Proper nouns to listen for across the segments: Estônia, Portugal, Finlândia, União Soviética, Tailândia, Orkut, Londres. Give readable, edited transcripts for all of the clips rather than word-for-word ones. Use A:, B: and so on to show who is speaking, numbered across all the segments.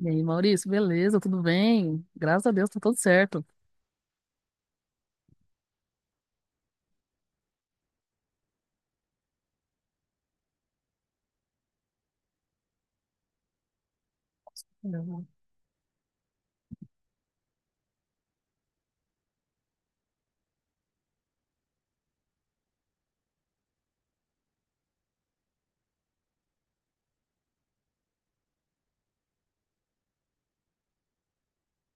A: E aí, Maurício, beleza? Tudo bem? Graças a Deus, tá tudo certo. Uhum.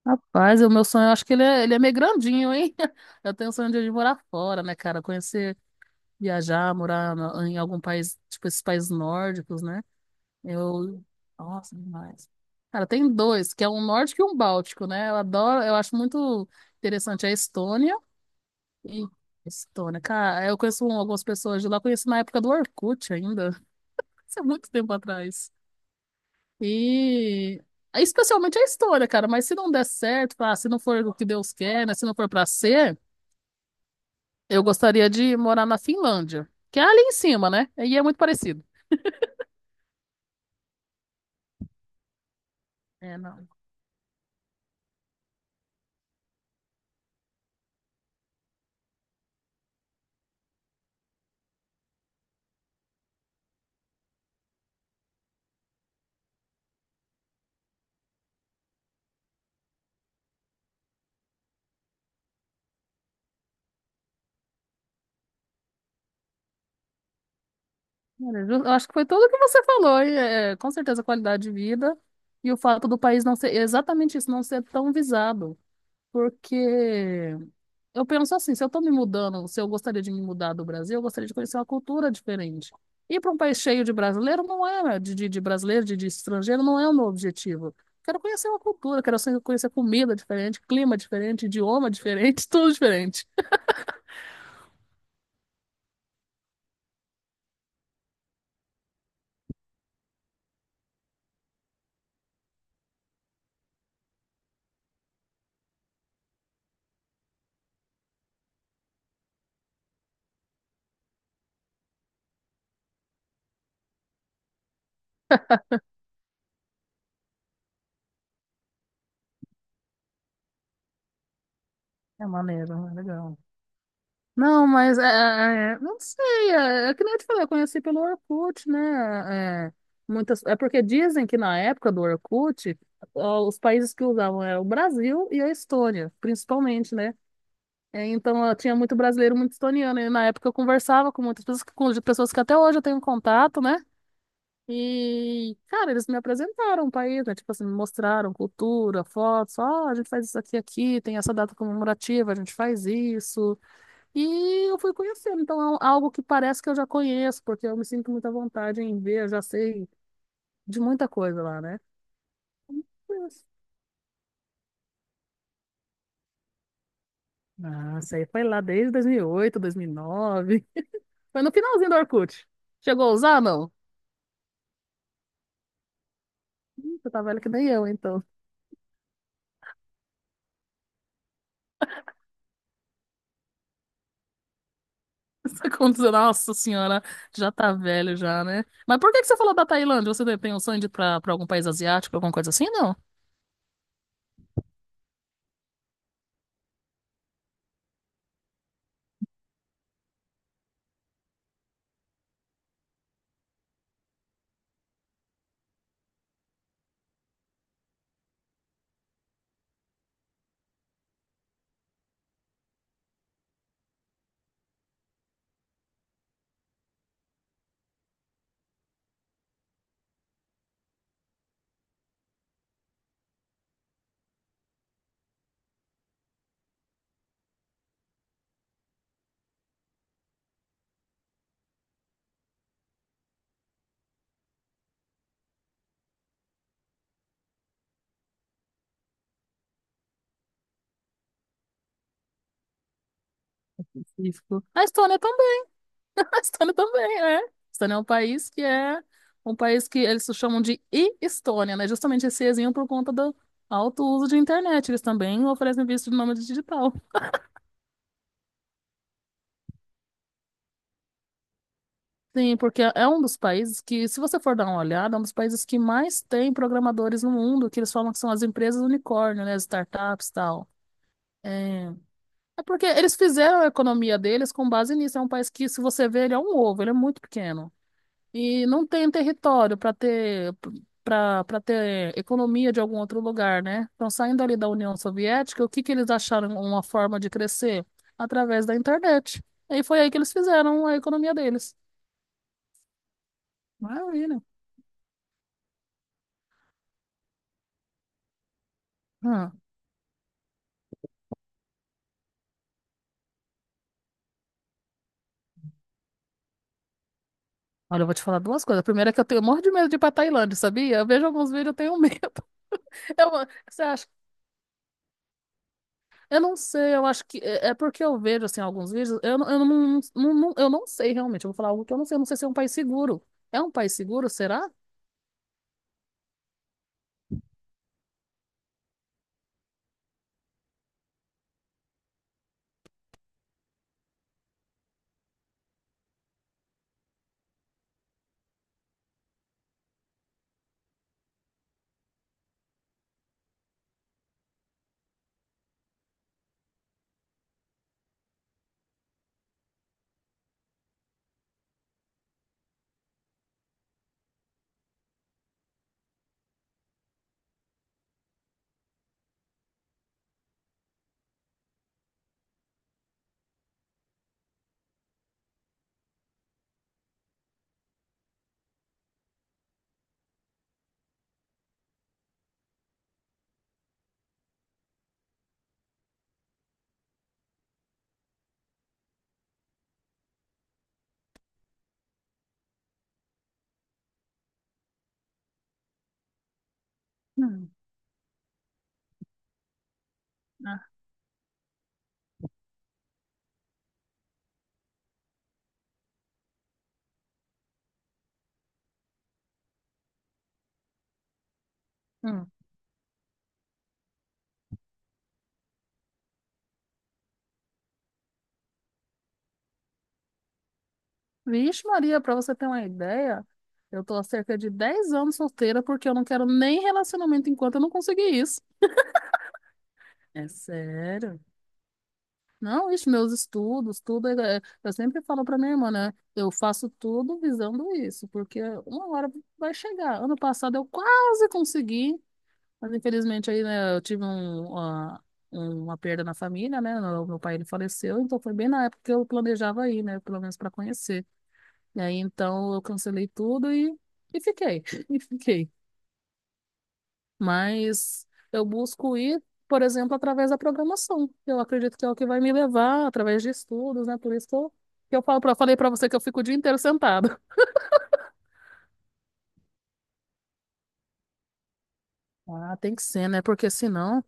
A: Rapaz, o meu sonho, eu acho que ele é meio grandinho, hein? Eu tenho o sonho de morar fora, né, cara? Conhecer, viajar, morar na- em algum país, tipo esses países nórdicos, né? Eu. Nossa, demais. Cara, tem dois, que é um nórdico e um báltico, né? Eu adoro, eu acho muito interessante a Estônia e. Estônia, cara, eu conheço um, algumas pessoas de lá, conheço na época do Orkut ainda. Isso é muito tempo atrás. E é especialmente a história, cara, mas se não der certo, ah, se não for o que Deus quer, né? Se não for pra ser, eu gostaria de morar na Finlândia, que é ali em cima, né? E é muito parecido. É, não. Olha, eu acho que foi tudo o que você falou, e, é, com certeza a qualidade de vida e o fato do país não ser exatamente isso, não ser tão visado. Porque eu penso assim, se eu estou me mudando, se eu gostaria de me mudar do Brasil, eu gostaria de conhecer uma cultura diferente. Ir para um país cheio de brasileiro não é, de brasileiro, de estrangeiro, não é o meu objetivo. Quero conhecer uma cultura, quero ser- conhecer comida diferente, clima diferente, idioma diferente, tudo diferente. É maneiro, é legal. Não, mas é, é, não sei, é, é que nem eu te falei, eu conheci pelo Orkut, né? É, muitas, é porque dizem que na época do Orkut, ó, os países que usavam eram o Brasil e a Estônia, principalmente, né? É, então ó, tinha muito brasileiro, muito estoniano, e na época eu conversava com muitas pessoas, com pessoas que até hoje eu tenho um contato, né? E, cara, eles me apresentaram o país, né? Tipo assim, me mostraram cultura, fotos, ó, a gente faz isso aqui, aqui, tem essa data comemorativa, a gente faz isso. E eu fui conhecendo, então é um, algo que parece que eu já conheço, porque eu me sinto muita vontade em ver, eu já sei de muita coisa lá, né? Mas, nossa, aí foi lá desde 2008, 2009, foi no finalzinho do Orkut. Chegou a usar, não? Ih, você tá velho que nem eu, então. Tá acontecendo, nossa senhora, já tá velho já, né? Mas por que que você falou da Tailândia? Você tem um sonho de ir pra algum país asiático, alguma coisa assim, não? Específico. A Estônia. A Estônia também, né? A Estônia um país que eles chamam de e-Estônia, né? Justamente esse ezinho por conta do alto uso de internet. Eles também oferecem visto de nômade digital. Sim, porque é um dos países que, se você for dar uma olhada, é um dos países que mais tem programadores no mundo, que eles falam que são as empresas unicórnio, né? As startups e tal. É... é porque eles fizeram a economia deles com base nisso. É um país que, se você vê, ele é um ovo, ele é muito pequeno. E não tem território para ter para ter economia de algum outro lugar, né? Então, saindo ali da União Soviética, o que que eles acharam uma forma de crescer? Através da internet. E foi aí que eles fizeram a economia deles. Maravilha. Hum. Olha, eu vou te falar duas coisas. A primeira é que eu tenho morro de medo de ir pra Tailândia, sabia? Eu vejo alguns vídeos, eu tenho medo. Eu, você acha? Eu não sei, eu acho que é porque eu vejo assim alguns vídeos, eu, não- eu não, eu não sei realmente, eu vou falar algo que eu não sei se é um país seguro. É um país seguro, será? Ah, hum. Vixe, Maria, pra você ter uma ideia, eu tô há cerca de 10 anos solteira porque eu não quero nem relacionamento enquanto eu não conseguir isso. É sério? Não, isso, meus estudos, tudo. É- é- Eu sempre falo pra minha irmã, né? Eu faço tudo visando isso, porque uma hora vai chegar. Ano passado eu quase consegui, mas infelizmente aí, né, eu tive um, uma perda na família, né? Meu pai ele faleceu, então foi bem na época que eu planejava ir, né? Pelo menos para conhecer. E aí então eu cancelei tudo e fiquei, e fiquei. Mas eu busco ir, por exemplo, através da programação. Eu acredito que é o que vai me levar, através de estudos, né? Por isso que eu falo pra, falei pra você que eu fico o dia inteiro sentado. Ah, tem que ser, né? Porque senão.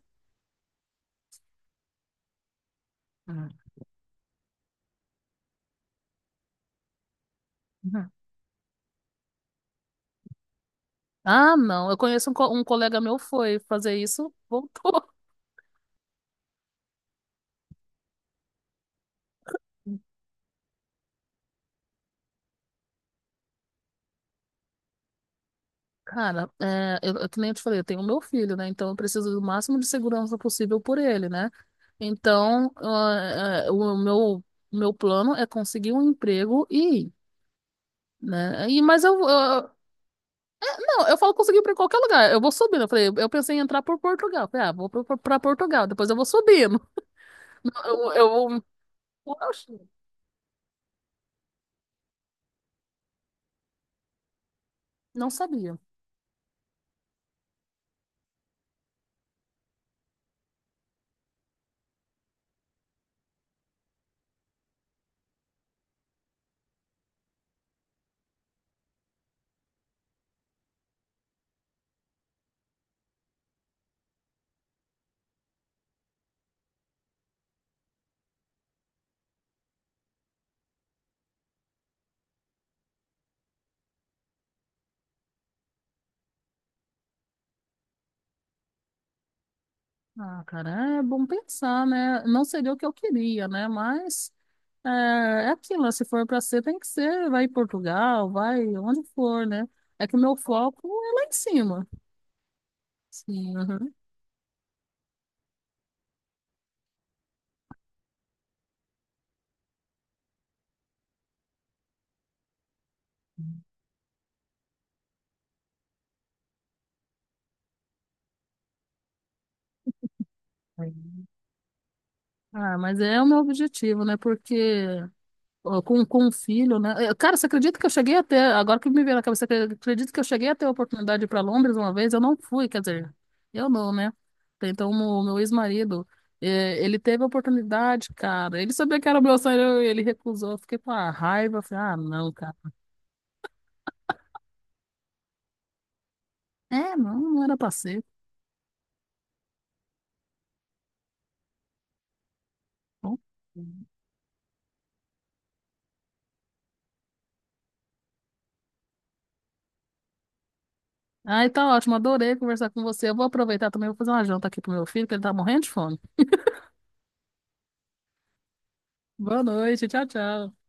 A: Ah, não. Eu conheço um, co- um colega meu foi fazer isso, voltou. Cara, é, eu, que nem eu te falei, eu tenho o meu filho, né? Então eu preciso do máximo de segurança possível por ele, né? Então, ah, ah, o meu, meu plano é conseguir um emprego e ir, né? E, mas eu- não, eu falo conseguir para qualquer lugar. Eu vou subindo. Eu falei, eu pensei em entrar por Portugal. Eu falei, ah, vou para Portugal, depois eu vou subindo. Eu, eu, eu, eu não sabia. Ah, cara, é bom pensar, né? Não seria o que eu queria, né? Mas é, é aquilo, né? Se for para ser, tem que ser. Vai em Portugal, vai onde for, né? É que o meu foco é lá em cima. Sim, uhum. Ah, mas é o meu objetivo, né? Porque ó, com um filho, né? Eh, cara, você acredita que eu cheguei até, agora que me veio na cabeça, você acredita que eu cheguei a ter a oportunidade de ir para Londres uma vez? Eu não fui, quer dizer, eu não, né? Então, o meu ex-marido, eh, ele teve a oportunidade, cara. Ele sabia que era meu sonho, ele recusou. Eu fiquei com a raiva, falei, ah, não, cara. É, não, não era pra ser. Bom. Ah, então, ótimo, adorei conversar com você. Eu vou aproveitar também, vou fazer uma janta aqui pro meu filho, que ele tá morrendo de fome. Boa noite, tchau, tchau.